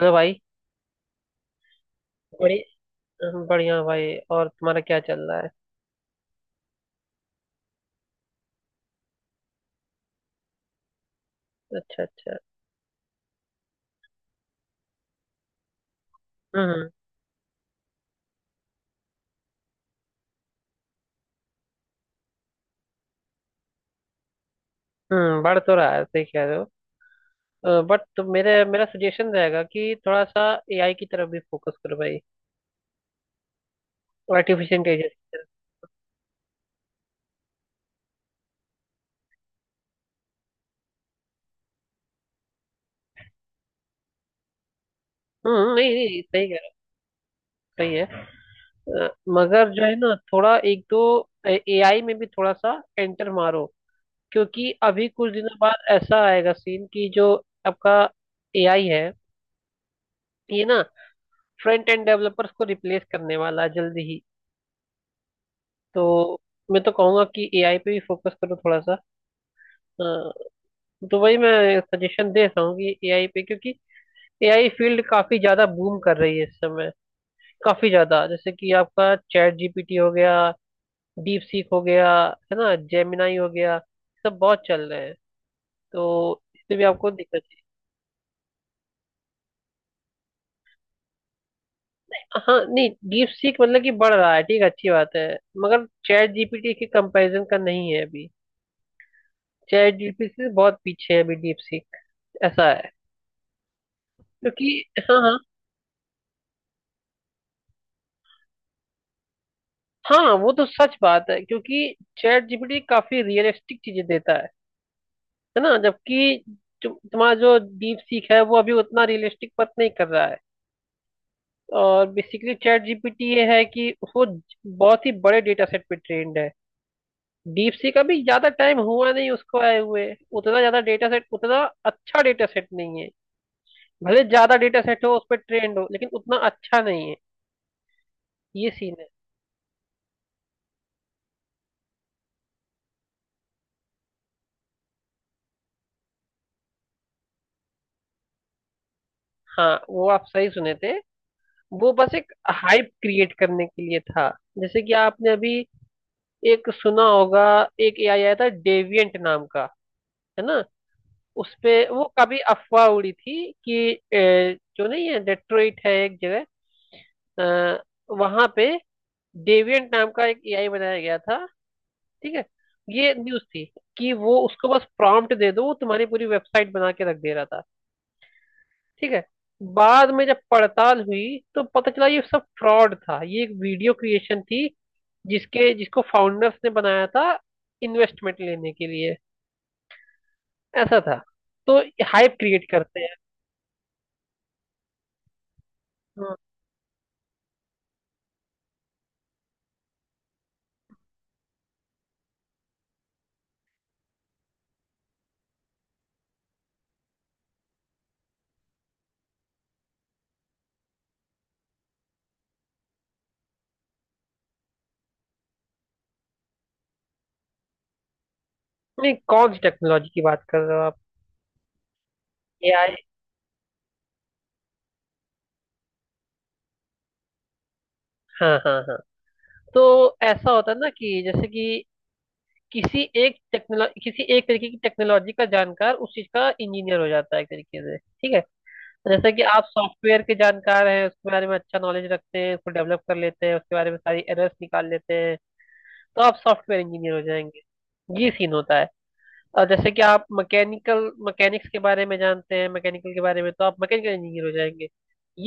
Hello भाई। बढ़िया। बढ़िया भाई, और तुम्हारा क्या चल रहा है? अच्छा, अच्छा। हम्म। हम्म, बढ़ तो रहा है। सही कह रहे हो, बट तो मेरे मेरा सजेशन रहेगा कि थोड़ा सा AI की तरफ भी फोकस करो भाई, आर्टिफिशियल इंटेलिजेंस की तरफ। हम्म। नहीं नहीं, सही कह रहे हो। सही है। मगर जो है ना, थोड़ा एक दो एआई में भी थोड़ा सा एंटर मारो, क्योंकि अभी कुछ दिनों बाद ऐसा आएगा सीन कि जो आपका एआई है ये ना फ्रंट एंड डेवलपर्स को रिप्लेस करने वाला है जल्दी ही। तो मैं तो कहूंगा कि एआई पे भी फोकस करो थोड़ा सा। अ, तो वही मैं सजेशन दे रहा हूँ कि एआई पे, क्योंकि एआई फील्ड काफी ज्यादा बूम कर रही है इस समय, काफी ज्यादा। जैसे कि आपका ChatGPT हो गया, डीप सीक हो गया, है ना, जेमिनाई हो गया, सब बहुत चल रहे हैं, तो इससे भी आपको दिक्कत चाहिए। हाँ, नहीं, डीप सीक मतलब कि बढ़ रहा है, ठीक है, अच्छी बात है, मगर चैट जीपीटी के कंपैरिजन का नहीं है अभी। चैट जीपीटी से बहुत पीछे है अभी डीप सीक, ऐसा है। क्योंकि हाँ हाँ, हाँ वो तो सच बात है, क्योंकि चैट जीपीटी काफी रियलिस्टिक चीजें देता है ना, जबकि तुम्हारा जो डीप सीख है वो अभी उतना रियलिस्टिक बात नहीं कर रहा है। और बेसिकली चैट जीपीटी ये है कि वो ज- बहुत ही बड़े डेटा सेट पे ट्रेंड है। डीप सीख अभी ज्यादा टाइम हुआ नहीं उसको आए हुए, उतना ज्यादा डेटा सेट, उतना अच्छा डेटा सेट नहीं है। भले ज्यादा डेटा सेट हो उस पर ट्रेंड हो, लेकिन उतना अच्छा नहीं है। ये सीन है। हाँ, वो आप सही सुने थे, वो बस एक हाइप क्रिएट करने के लिए था। जैसे कि आपने अभी एक सुना होगा, एक एआई आया था डेविएंट नाम का, है ना, उसपे वो कभी अफवाह उड़ी थी कि जो नहीं है, डेट्रॉइट है एक जगह, वहां पे डेविएंट नाम का एक एआई बनाया गया था, ठीक है। ये न्यूज़ थी कि वो उसको बस प्रॉम्प्ट दे दो, वो तुम्हारी पूरी वेबसाइट बना के रख दे रहा था, ठीक है। बाद में जब पड़ताल हुई तो पता चला ये सब फ्रॉड था, ये एक वीडियो क्रिएशन थी, जिसके जिसको फाउंडर्स ने बनाया था इन्वेस्टमेंट लेने के लिए। ऐसा था, तो हाइप क्रिएट करते हैं। हम्म। नहीं, कौन सी टेक्नोलॉजी की बात कर रहे हो आप? एआई? हाँ हाँ हाँ, तो ऐसा होता है ना, कि जैसे कि किसी एक टेक्नोलॉजी, किसी एक तरीके की टेक्नोलॉजी का जानकार उस चीज का इंजीनियर हो जाता है एक तरीके से, ठीक है। जैसे कि आप सॉफ्टवेयर के जानकार हैं, उसके बारे में अच्छा नॉलेज रखते हैं, उसको डेवलप कर लेते हैं, उसके बारे में सारी एरर्स निकाल लेते हैं, तो आप सॉफ्टवेयर इंजीनियर हो जाएंगे। ये सीन होता है। और जैसे कि आप मैकेनिकल मैकेनिक्स के बारे में जानते हैं, मैकेनिकल के बारे में, तो आप मैकेनिकल इंजीनियर हो जाएंगे।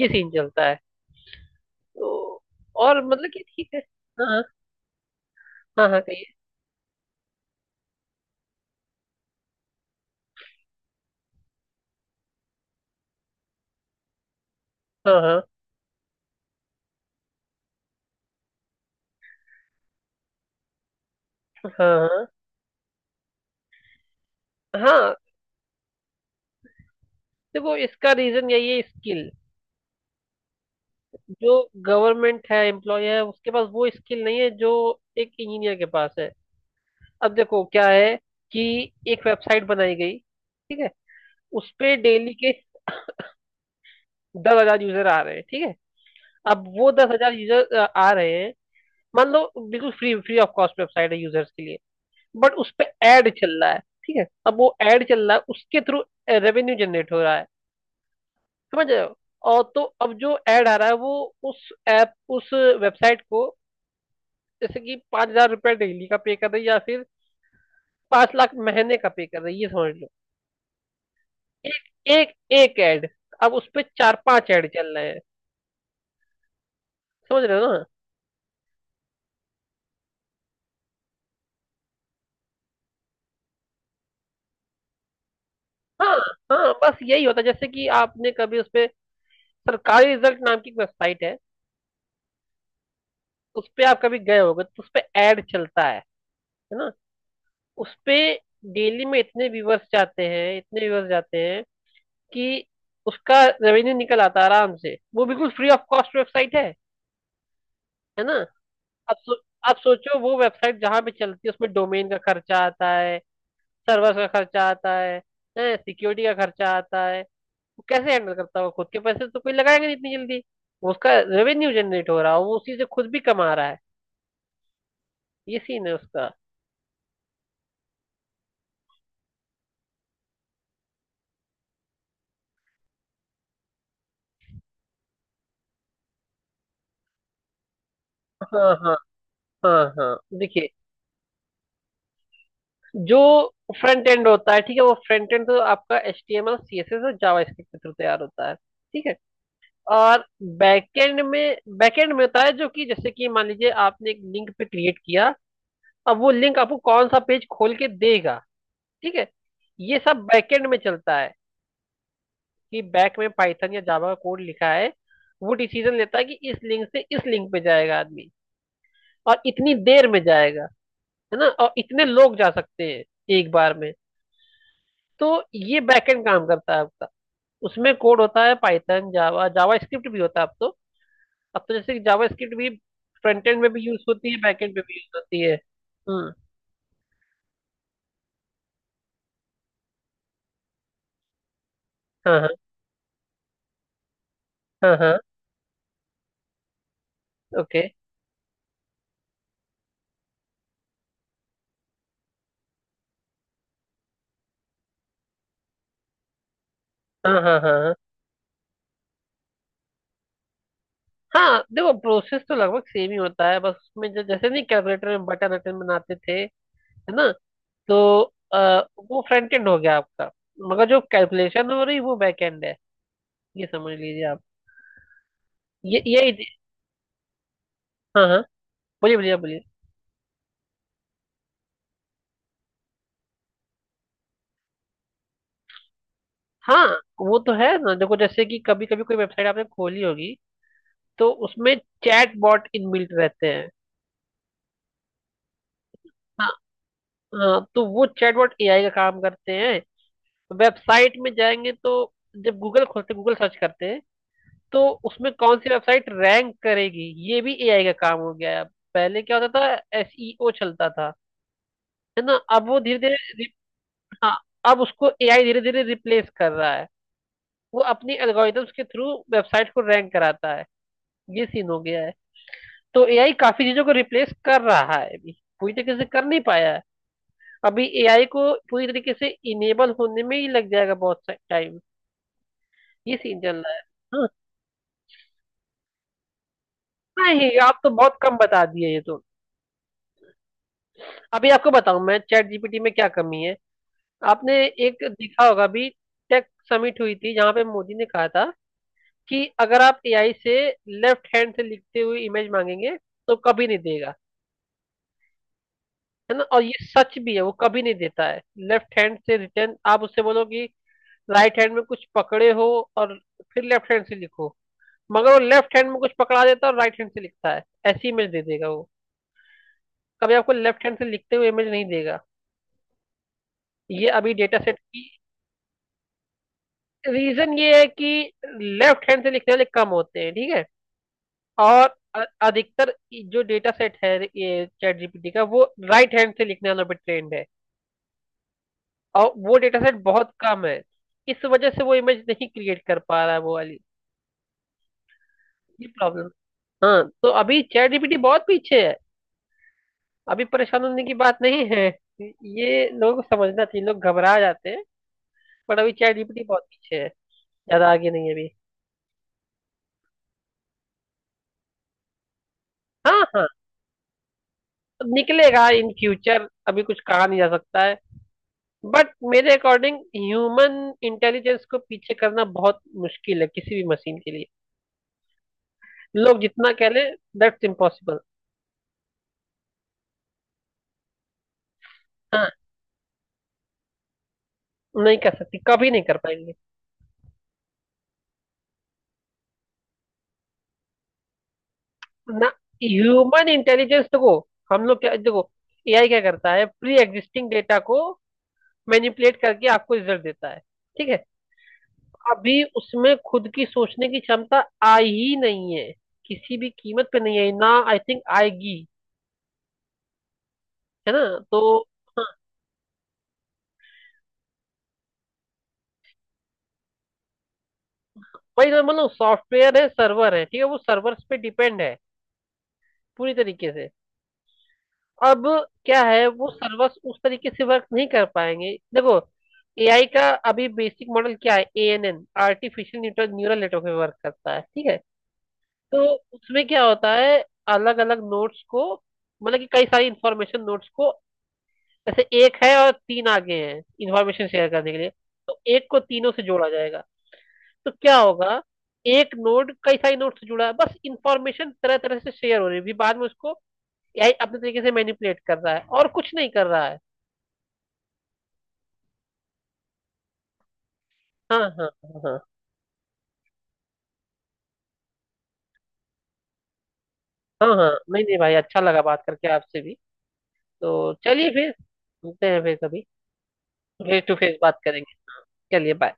ये सीन चलता है। तो और मतलब कि ठीक है। हाँ हाँ हाँ हाँ, कहिए। हाँ हाँ हाँ हाँ हाँ। देखो, इसका रीजन यही है, स्किल। जो गवर्नमेंट है, एम्प्लॉय है, उसके पास वो स्किल नहीं है जो एक इंजीनियर के पास है। अब देखो क्या है, कि एक वेबसाइट बनाई गई, ठीक है, उस पे डेली के 10 हजार यूजर आ रहे हैं, ठीक है। अब वो 10 हजार यूजर आ रहे हैं, मान लो, बिल्कुल free free of cost website है यूजर्स के लिए, बट उस पे एड चल रहा है, ठीक है। अब वो एड चल रहा है, उसके थ्रू रेवेन्यू जनरेट हो रहा है, समझ रहे हो, और तो अब जो एड आ रहा है, वो उस वेबसाइट को जैसे कि 5 हजार रुपये डेली का पे कर रही है, या फिर 5 लाख महीने का पे कर रही है, ये समझ लो, एक एक एक ऐड। अब उस पे चार पांच ऐड चल रहे हैं, समझ रहे हो ना? हाँ हाँ, बस यही होता है। जैसे कि आपने कभी उस पे, सरकारी रिजल्ट नाम की वेबसाइट है, उस पे आप कभी गए होगे, तो उस पे ऐड चलता है ना, उस पे डेली में इतने व्यूवर्स जाते हैं, इतने व्यूवर्स जाते हैं, कि उसका रेवेन्यू निकल आता है आराम से। वो बिल्कुल फ्री ऑफ कॉस्ट वेबसाइट है ना। आप सो, आप सोचो, वो वेबसाइट जहाँ पे चलती है उसमें डोमेन का खर्चा आता है, सर्वर का खर्चा आता है, सिक्योरिटी का खर्चा आता है। वो कैसे हैंडल करता होगा? खुद के पैसे तो कोई लगाएगा नहीं इतनी जल्दी। वो उसका रेवेन्यू जनरेट हो रहा है, वो उसी से खुद भी कमा रहा है। ये सीन है उसका। हाँ हाँ हाँ हाँ, देखिए, जो फ्रंट एंड होता है, ठीक है, वो फ्रंट एंड तो आपका HTML, CSS और जावा स्क्रिप्ट के थ्रू तैयार होता है, ठीक है। और बैकएंड में होता है, जो कि जैसे कि मान लीजिए आपने एक लिंक पे क्रिएट किया, अब वो लिंक आपको कौन सा पेज खोल के देगा, ठीक है, ये सब बैकएंड में चलता है, कि बैक में पाइथन या जावा का कोड लिखा है, वो डिसीजन लेता है कि इस लिंक से इस लिंक पे जाएगा आदमी, और इतनी देर में जाएगा, है ना, और इतने लोग जा सकते हैं एक बार में। तो ये बैकएंड काम करता है आपका, उसमें कोड होता है पाइथन, जावा, जावा स्क्रिप्ट भी होता है, अब तो जैसे जावा स्क्रिप्ट भी फ्रंट एंड में भी यूज होती है, बैक एंड में भी यूज होती है। हम्म, हाँ हाँ हाँ हाँ, ओके, हाँ हाँ हाँ हाँ। हाँ देखो, प्रोसेस तो लगभग सेम ही होता है, बस उसमें जो जैसे, नहीं, कैलकुलेटर में बटन अटन बनाते थे, है ना, तो आ, वो फ्रंट एंड हो गया आपका, मगर जो कैलकुलेशन हो रही वो बैक एंड है, ये समझ लीजिए आप। ये हाँ हाँ, बोलिए बोलिए, आप बोलिए। हाँ, वो तो है ना, देखो, जैसे कि कभी कभी कोई वेबसाइट आपने खोली होगी तो उसमें चैट बॉट इनबिल्ट रहते हैं। हाँ हाँ, तो वो चैट बॉट एआई का काम करते हैं। वेबसाइट में जाएंगे तो, जब गूगल खोलते, गूगल सर्च करते हैं, तो उसमें कौन सी वेबसाइट रैंक करेगी, ये भी एआई का काम हो गया है अब। पहले क्या होता था, SEO चलता था, है ना, अब वो धीरे धीरे, हाँ, अब उसको एआई धीरे धीरे रिप्लेस कर रहा है। वो अपनी एल्गोरिदम्स के थ्रू वेबसाइट को रैंक कराता है, ये सीन हो गया है। तो एआई काफी चीजों को रिप्लेस कर रहा है अभी, पूरी तरीके से कर नहीं पाया है। अभी एआई को पूरी तरीके से इनेबल होने में ही लग जाएगा बहुत टाइम, ये सीन चल रहा है। हाँ, नहीं आप तो बहुत कम बता दिए, ये तो अभी आपको बताऊं मैं चैट जीपीटी में क्या कमी है। आपने एक देखा होगा अभी, टेक समिट हुई थी जहां पे मोदी ने कहा था कि अगर आप एआई से लेफ्ट हैंड से लिखते हुए इमेज मांगेंगे, तो कभी नहीं देगा, है ना, और ये सच भी है, वो कभी नहीं देता है लेफ्ट हैंड से रिटर्न। आप उससे बोलो कि राइट हैंड में कुछ पकड़े हो और फिर लेफ्ट हैंड से लिखो, मगर वो लेफ्ट हैंड में कुछ पकड़ा देता है और राइट हैंड से लिखता है, ऐसी इमेज दे देगा वो, कभी आपको लेफ्ट हैंड से लिखते हुए इमेज नहीं देगा। ये अभी डेटा सेट की, रीजन ये है कि लेफ्ट हैंड से लिखने वाले कम होते हैं, ठीक है, और अधिकतर जो डेटा सेट है ये चैट जीपीटी का, वो राइट हैंड से लिखने वालों पर ट्रेंड है, और वो डेटा सेट बहुत कम है। इस वजह से वो इमेज नहीं क्रिएट कर पा रहा है, वो वाली। ये प्रॉब्लम। हाँ तो अभी चैट जीपीटी बहुत पीछे है, अभी परेशान होने की बात नहीं है, ये लोग समझना चाहिए, लोग घबरा जाते हैं, बट अभी चैट जीपीटी बहुत पीछे है, ज्यादा आगे नहीं है अभी। हाँ हाँ, तो निकलेगा इन फ्यूचर, अभी कुछ कहा नहीं जा सकता है, बट मेरे अकॉर्डिंग ह्यूमन इंटेलिजेंस को पीछे करना बहुत मुश्किल है किसी भी मशीन के लिए, लोग जितना कह ले। That's impossible. हाँ, नहीं कर सकती, कभी नहीं कर पाएंगे ना ह्यूमन इंटेलिजेंस को। हम लोग क्या, देखो एआई क्या करता है, प्री एग्जिस्टिंग डेटा को मैनिपुलेट करके आपको रिजल्ट देता है, ठीक है। अभी उसमें खुद की सोचने की क्षमता आई ही नहीं है, किसी भी कीमत पे नहीं आई, ना आई थिंक आएगी, है ना, तो। भाई तो मतलब, सॉफ्टवेयर है, सर्वर है, ठीक है, वो सर्वर्स पे डिपेंड है पूरी तरीके से। अब क्या है, वो सर्वर्स उस तरीके से वर्क नहीं कर पाएंगे। देखो, एआई का अभी बेसिक मॉडल क्या है, ANN, artificial Newton neural network में वर्क करता है, ठीक है। तो उसमें क्या होता है, अलग अलग नोट्स को, मतलब कि कई सारी इंफॉर्मेशन नोट्स को, जैसे एक है और तीन आगे हैं इंफॉर्मेशन शेयर करने के लिए, तो एक को तीनों से जोड़ा जाएगा, तो क्या होगा, एक नोड कई सारे नोड से जुड़ा है, बस इंफॉर्मेशन तरह तरह से शेयर हो रही है, भी बाद में उसको एआई अपने तरीके से मैनिपुलेट कर रहा है, और कुछ नहीं कर रहा है। हाँ हाँ हाँ हाँ, हाँ हाँ, नहीं नहीं भाई, अच्छा लगा बात करके आपसे भी। तो चलिए फिर, मिलते हैं फिर कभी, फेस टू फेस बात करेंगे। चलिए बाय।